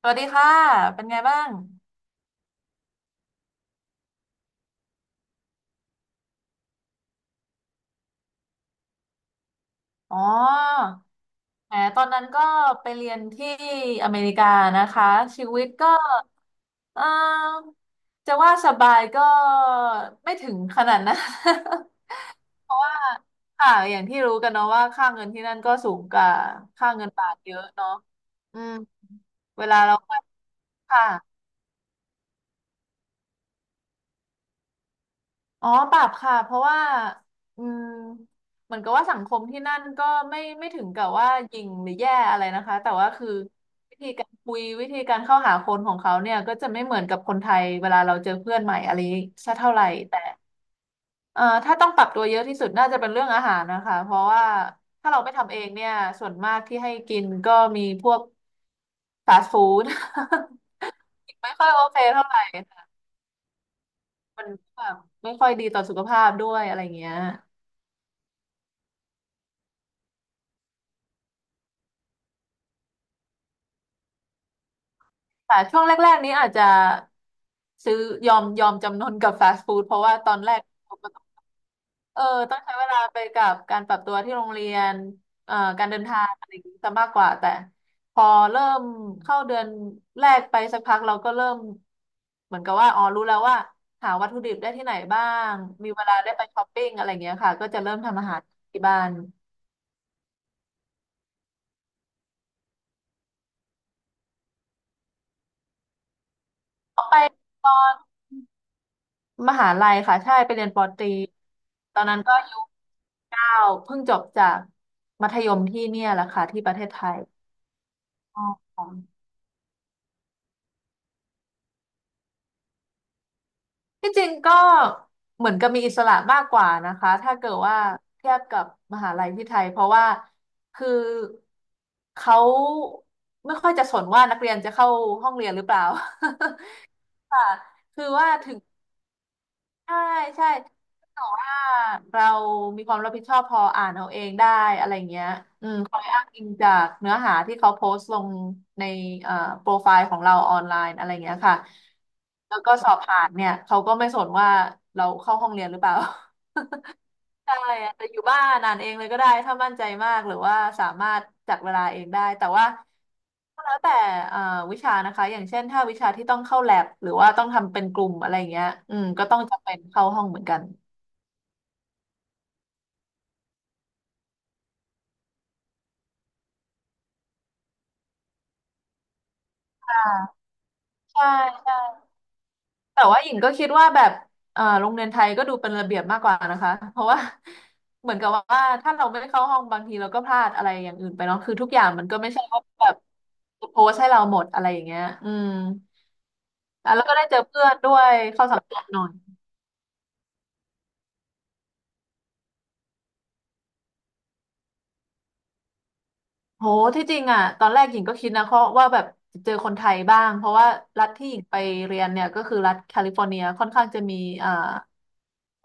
สวัสดีค่ะเป็นไงบ้างอ๋อแหมตอนนั้นก็ไปเรียนที่อเมริกานะคะ ชีวิตก็เออจะว่าสบายก็ไม่ถึงขนาดนะ เพราะว่าค่ะอย่างที่รู้กันเนาะว่าค่าเงินที่นั่นก็สูงกว่าค่าเงินบาทเยอะเนาะอืมเวลาเราค่ะ อ๋อปรับค่ะเพราะว่าอืมเหมือนกับว่าสังคมที่นั่นก็ไม่ไม่ถึงกับว่าหยิ่งหรือแย่อะไรนะคะแต่ว่าคือวิธีการคุยวิธีการเข้าหาคนของเขาเนี่ยก็จะไม่เหมือนกับคนไทยเวลาเราเจอเพื่อนใหม่อะไรสักเท่าไหร่แต่ถ้าต้องปรับตัวเยอะที่สุดน่าจะเป็นเรื่องอาหารนะคะเพราะว่าถ้าเราไม่ทำเองเนี่ยส่วนมากที่ให้กินก็มีพวกฟาสต์ฟู้ด ไม่ค่อยโอเคเท่าไหร่ค่ะมันแบบไม่ค่อยดีต่อสุขภาพด้วยอะไรเงี้ย แต่ช่วงแรกๆนี้อาจจะซื้อยอมจำนนกับฟาสต์ฟู้ดเพราะว่าตอนแรกเออต้องใช้เวลาไปกับการปรับตัวที่โรงเรียนการเดินทางอะไรอย่างนี้ซะมากกว่าแต่พอเริ่มเข้าเดือนแรกไปสักพักเราก็เริ่มเหมือนกับว่าอ๋อรู้แล้วว่าหาวัตถุดิบได้ที่ไหนบ้างมีเวลาได้ไปช้อปปิ้งอะไรอย่างเงี้ยค่ะก็จะเริ่มทำอาหารที่บ้านออกไปตอน มหาลัยค่ะใช่ไปเรียนปอตรีตอนนั้นก็อายุ9เพิ่งจบจากมัธยมที่เนี่ยแหละค่ะที่ประเทศไทยอ๋อที่จริงก็เหมือนกับมีอิสระมากกว่านะคะถ้าเกิดว่าเทียบกับมหาลัยที่ไทยเพราะว่าคือเขาไม่ค่อยจะสนว่านักเรียนจะเข้าห้องเรียนหรือเปล่า ค่ะคือว่าถึง ใช่ใช่แต่ว่าเรามีความรับผิดชอบพออ่านเอาเองได้อะไรเงี้ย อืมคอยอ้างอิงจากเนื้อหาที่เขาโพสต์ลงในเอ่อโปรไฟล์ของเราออนไลน์อะไรเงี้ยค่ะ แล้วก็สอบผ่านเนี่ยเขาก็ไม่สนว่าเราเข้าห้องเรียนหรือเปล่า ใช่อาจจะอยู่บ้านอ่านเองเลยก็ได้ถ้ามั่นใจมากหรือว่าสามารถจัดเวลาเองได้แต่ว่าก็แล้วแต่เอ่อวิชานะคะอย่างเช่นถ้าวิชาที่ต้องเข้าแลบหรือว่าต้องทำเป็นกลุ่มอะไรอย่างเงี้ยอืมก็ต้องจำเป็นเข้าห้องเหมือนกันใช่ใช่แต่ว่าหญิงก็คิดว่าแบบโรงเรียนไทยก็ดูเป็นระเบียบมากกว่านะคะเพราะว่า เหมือนกับว่าถ้าเราไม่เข้าห้องบางทีเราก็พลาดอะไรอย่างอื่นไปเนาะคือทุกอย่างมันก็ไม่ใช่ว่าแบบโพสให้เราหมดอะไรอย่างเงี้ยอืม อ่ะแล้วก็ได้เจอเพื่อนด้วยเข้าสังคมหน่อยโหที่จริงอ่ะตอนแรกหญิงก็คิดนะเพราะว่าแบบเจอคนไทยบ้างเพราะว่ารัฐที่หญิงไปเรียนเนี่ยก็คือรัฐแคลิฟอร์เนียค่อนข้างจะมีอ่า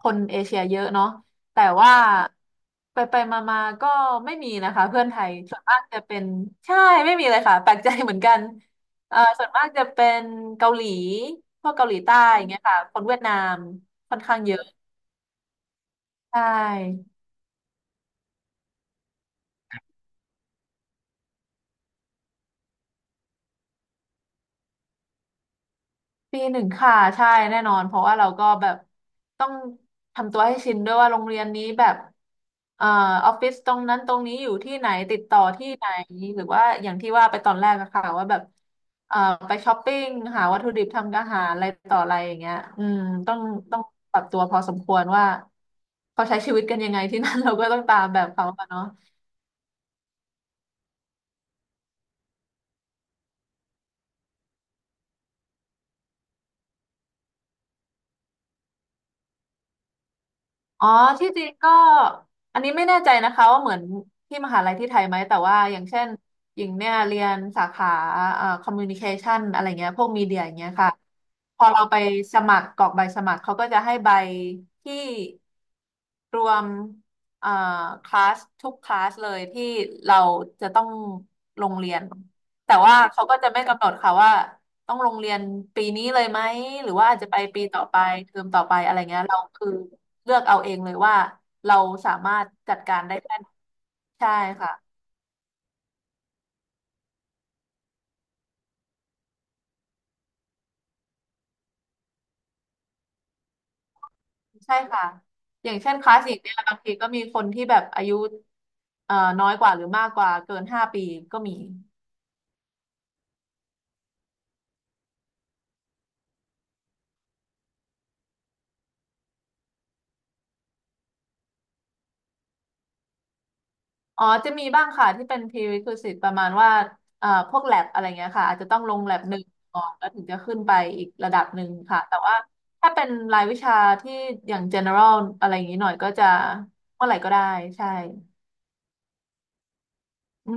คนเอเชียเยอะเนาะแต่ว่าไปไปมามาๆก็ไม่มีนะคะเพื่อนไทยส่วนมากจะเป็นใช่ไม่มีเลยค่ะแปลกใจเหมือนกันส่วนมากจะเป็นเกาหลีพวกเกาหลีใต้อย่างเงี้ยค่ะคนเวียดนามค่อนข้างเยอะใช่ ปีหนึ่งค่ะใช่แน่นอนเพราะว่าเราก็แบบต้องทำตัวให้ชินด้วยว่าโรงเรียนนี้แบบเอ่อออฟฟิศตรงนั้นตรงนี้อยู่ที่ไหนติดต่อที่ไหนหรือว่าอย่างที่ว่าไปตอนแรกอะค่ะว่าแบบเอ่อไปช้อปปิ้งหาวัตถุดิบทำอาหารอะไรต่ออะไรอย่างเงี้ยอืมต้องต้องปรับตัวพอสมควรว่าเขาใช้ชีวิตกันยังไงที่นั่น เราก็ต้องตามแบบเขาอะเนาะ อ๋อที่จริงก็อันนี้ไม่แน่ใจนะคะว่าเหมือนที่มหาลัยที่ไทยไหมแต่ว่าอย่างเช่นหญิงเนี่ยเรียนสาขาคอมมิวนิเคชันอะไรเงี้ยพวกมีเดียอย่างเงี้ยค่ะพอเราไปสมัครกรอกใบสมัครเขาก็จะให้ใบที่รวมเอ่อคลาสทุกคลาสเลยที่เราจะต้องลงเรียนแต่ว่าเขาก็จะไม่กำหนดค่ะว่าต้องลงเรียนปีนี้เลยไหมหรือว่าอาจจะไปปีต่อไปเทอมต่อไปอะไรเงี้ยเราคือ เลือกเอาเองเลยว่าเราสามารถจัดการได้แค่ไหนใช่ค่ะใช่ค่ะอย่างเช่นคลาสสิกเนี่ยบางทีก็มีคนที่แบบอายุเอ่อน้อยกว่าหรือมากกว่าเกิน5 ปีก็มีอ๋อจะมีบ้างค่ะที่เป็น prerequisite ประมาณว่าพวกแ a บอะไรเงี้ยค่ะอาจจะต้องลงแ a บหนึ่งก่อนแล้วถึงจะขึ้นไปอีกระดับหนึ่งค่ะแต่ว่าถ้าเป็นรายวิชาที่อย่าง general อะไรอย่างนี้หน่อยก็จะเมื่อไหร่ก็ได้ใช่อื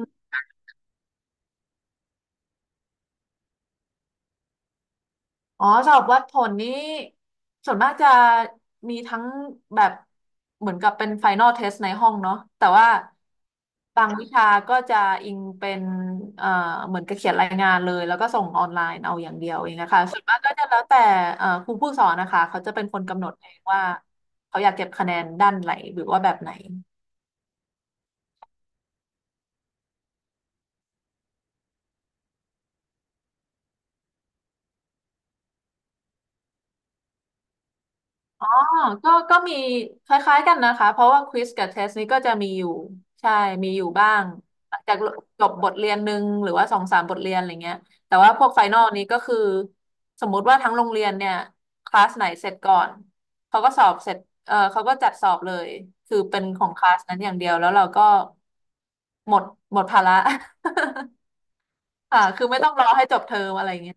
อ๋อสอบวัดผลนี้ส่วนมากจะมีทั้งแบบเหมือนกับเป็นไฟน l ลเทสในห้องเนาะแต่ว่าบางวิชาก็จะอิงเป็นเอ่อเหมือนกับเขียนรายงานเลยแล้วก็ส่งออนไลน์เอาอย่างเดียวเองนะคะส่วนมากก็จะแล้วแต่ครูผู้สอนนะคะเขาจะเป็นคนกำหนดเองว่าเขาอยากเก็บคะแนนด้านไหนหรือว่าแบบไหน อ๋อก็มีคล้ายๆกันนะคะ เพราะว่าควิสกับเทสนี้ก็จะมีอยู่ใช่มีอยู่บ้างหลังจากจบบทเรียนหนึ่งหรือว่าสองสามบทเรียนอะไรเงี้ยแต่ว่าพวกไฟนอลนี้ก็คือสมมุติว่าทั้งโรงเรียนเนี่ยคลาสไหนเสร็จก่อนเขาก็สอบเสร็จเออเขาก็จัดสอบเลยคือเป็นของคลาสนั้นอย่างเดียวแล้วเราก็หมดหมดภาระ คือไม่ต้องรอให้จบเทอมอะไรเงี้ย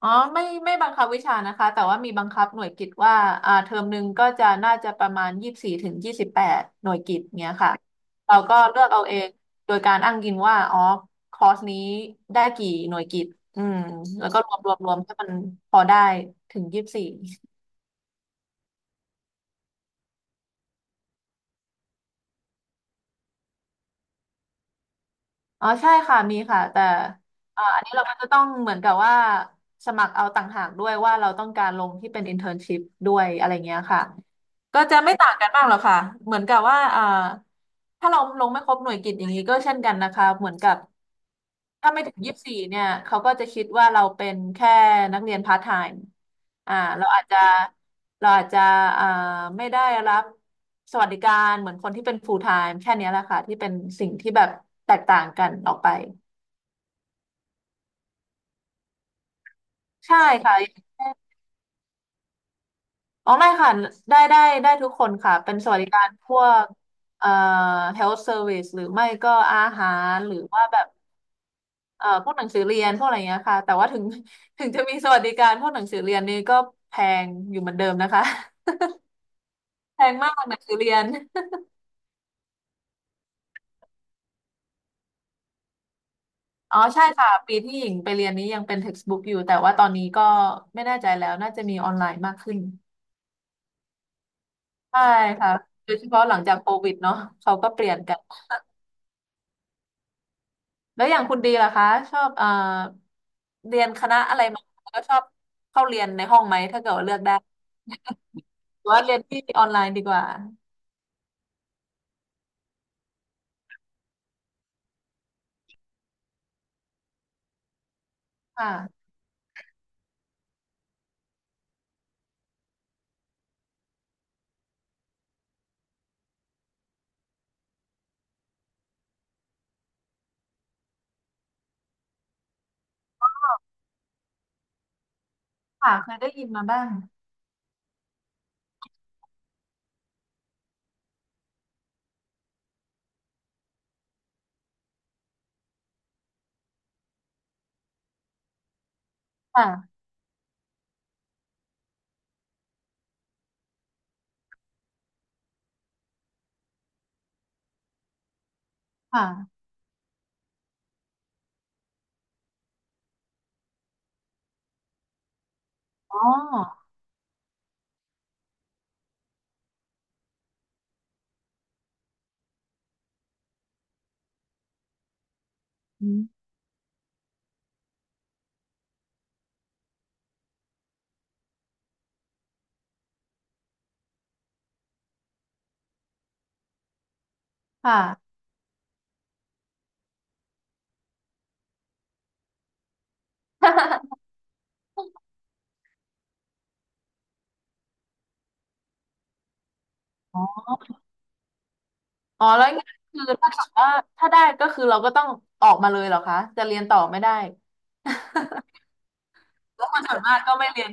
อ๋อไม่บังคับวิชานะคะแต่ว่ามีบังคับหน่วยกิตว่าเทอมหนึ่งก็จะน่าจะประมาณยี่สิบสี่ถึง28หน่วยกิตเนี้ยค่ะเราก็เลือกเอาเองโดยการอ้างอิงว่าอ๋อคอร์สนี้ได้กี่หน่วยกิตอืมแล้วก็รวมรวมรวมให้มันพอได้ถึงยี่สิบสี่อ๋อใช่ค่ะมีค่ะแต่อันนี้เราก็จะต้องเหมือนกับว่าสมัครเอาต่างหากด้วยว่าเราต้องการลงที่เป็น internship ด้วยอะไรเงี้ยค่ะ ก็จะไม่ต่างกันมากหรอกค่ะเหมือนกับว่าถ้าเราลงไม่ครบหน่วยกิตอย่างนี้ก็เช่นกันนะคะเหมือนกับถ้าไม่ถึงยี่สิบสี่เนี่ยเขาก็จะคิดว่าเราเป็นแค่นักเรียนพาร์ทไทม์อ่าเราอาจจะเราอาจจะอ่าไม่ได้รับสวัสดิการเหมือนคนที่เป็นฟูลไทม์แค่เนี้ยแหละค่ะที่เป็นสิ่งที่แบบแตกต่างกันออกไปใช่ค่ะ อ๋อไม่ค่ะได้ได้ได้ทุกคนค่ะเป็นสวัสดิการพวกเอ่อ health service หรือไม่ก็อาหารหรือว่าแบบพวกหนังสือเรียนพวกอะไรเงี้ยค่ะแต่ว่าถึง ถึงจะมีสวัสดิการพวกหนังสือเรียนนี่ก็แพงอยู่เหมือนเดิมนะคะ แพงมากหนังสือเรียน อ๋อใช่ค่ะปีที่หญิงไปเรียนนี้ยังเป็น textbook อยู่แต่ว่าตอนนี้ก็ไม่แน่ใจแล้วน่าจะมีออนไลน์มากขึ้นใช่ค่ะโดยเฉพาะหลังจากโควิดเนาะเขาก็เปลี่ยนกัน แล้วอย่างคุณดีล่ะคะชอบเรียนคณะอะไรมาแล้วก็ชอบเข้าเรียนในห้องไหมถ้าเกิดว่าเลือกได้หรือว่าเรียนที่ออนไลน์ดีกว่าค่ะค่ะเคยได้ยินมาบ้างค่ะค่ะอ๋ออืมค่ะ อ๋ออ๋อแล้วอย่างนี้คือถ้าเกิดว่าถ้าได้ก็คือเราก็ต้องออกมาเลยเหรอคะจะเรียนต่อไม่ได้ เพราะคนส่วนมากก็ไม่เรียน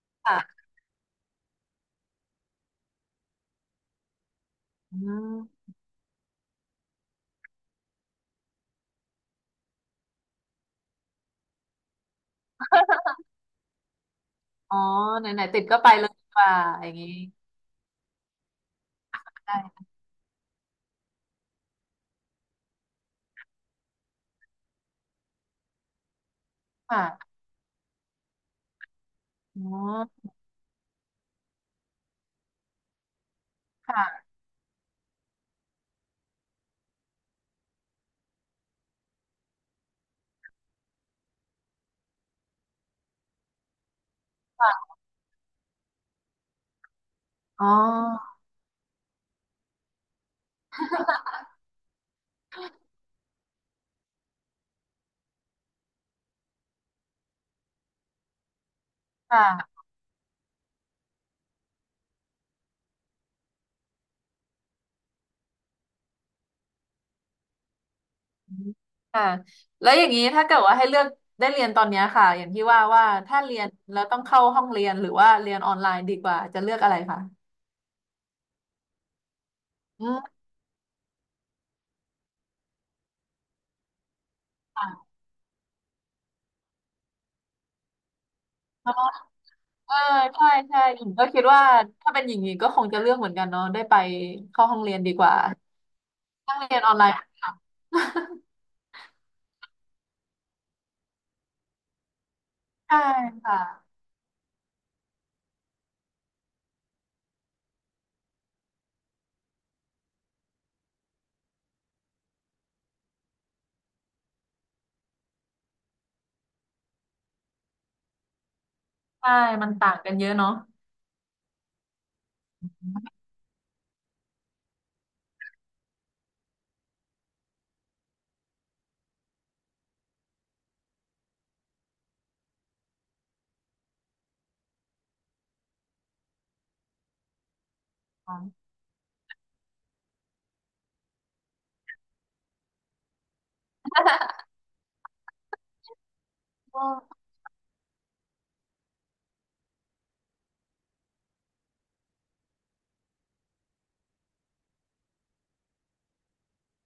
ค่ะอืมอ๋อไหนๆติดก็ไปเลยดีกว่าอย่างนี้ได้ค่ะอ๋อ ค่ะค่ะอ๋อค่ะอืมค่ะแล้วอย่างนี้ถ้าเกิดว่าให้เลือกได้เรียนตอนเนี้ยค่ะอย่างที่ว่าว่าถ้าเรียนแล้วต้องเข้าห้องเรียนหรือว่าเรียนออนไลน์ดีกว่าจะเลือกอะไรคะอืมค่ะเนอะเออใช่ใช่หญิงก็คิดว่าถ้าเป็นอย่างนี้ก็คงจะเลือกเหมือนกันเนาะได้ไปเข้าห้องเรียนดีกว่านั่งเรียนออนไลน์ ค่ะ ใช่ค่ะใช่ มันต่างกันเยอะเนาะอ๋อ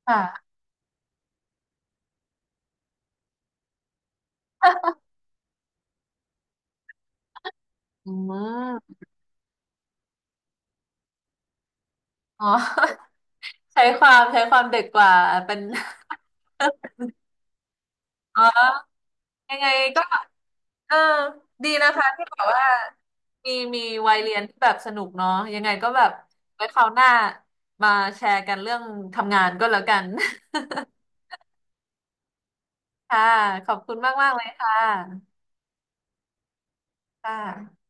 ค่ะ อืมอ๋อ ใช้ความเด็กกว่าเป็น อ๋อยังไงก็เออดีนะคะที่แบบว่ามีวัยเรียนที่แบบสนุกเนาะยังไงก็แบบไว้คราวหน้ามาแชร์กันเรื่องทำงานก็แล้วกัน ค่ะ ขอบคุณมากๆเลยค่ะค่ะ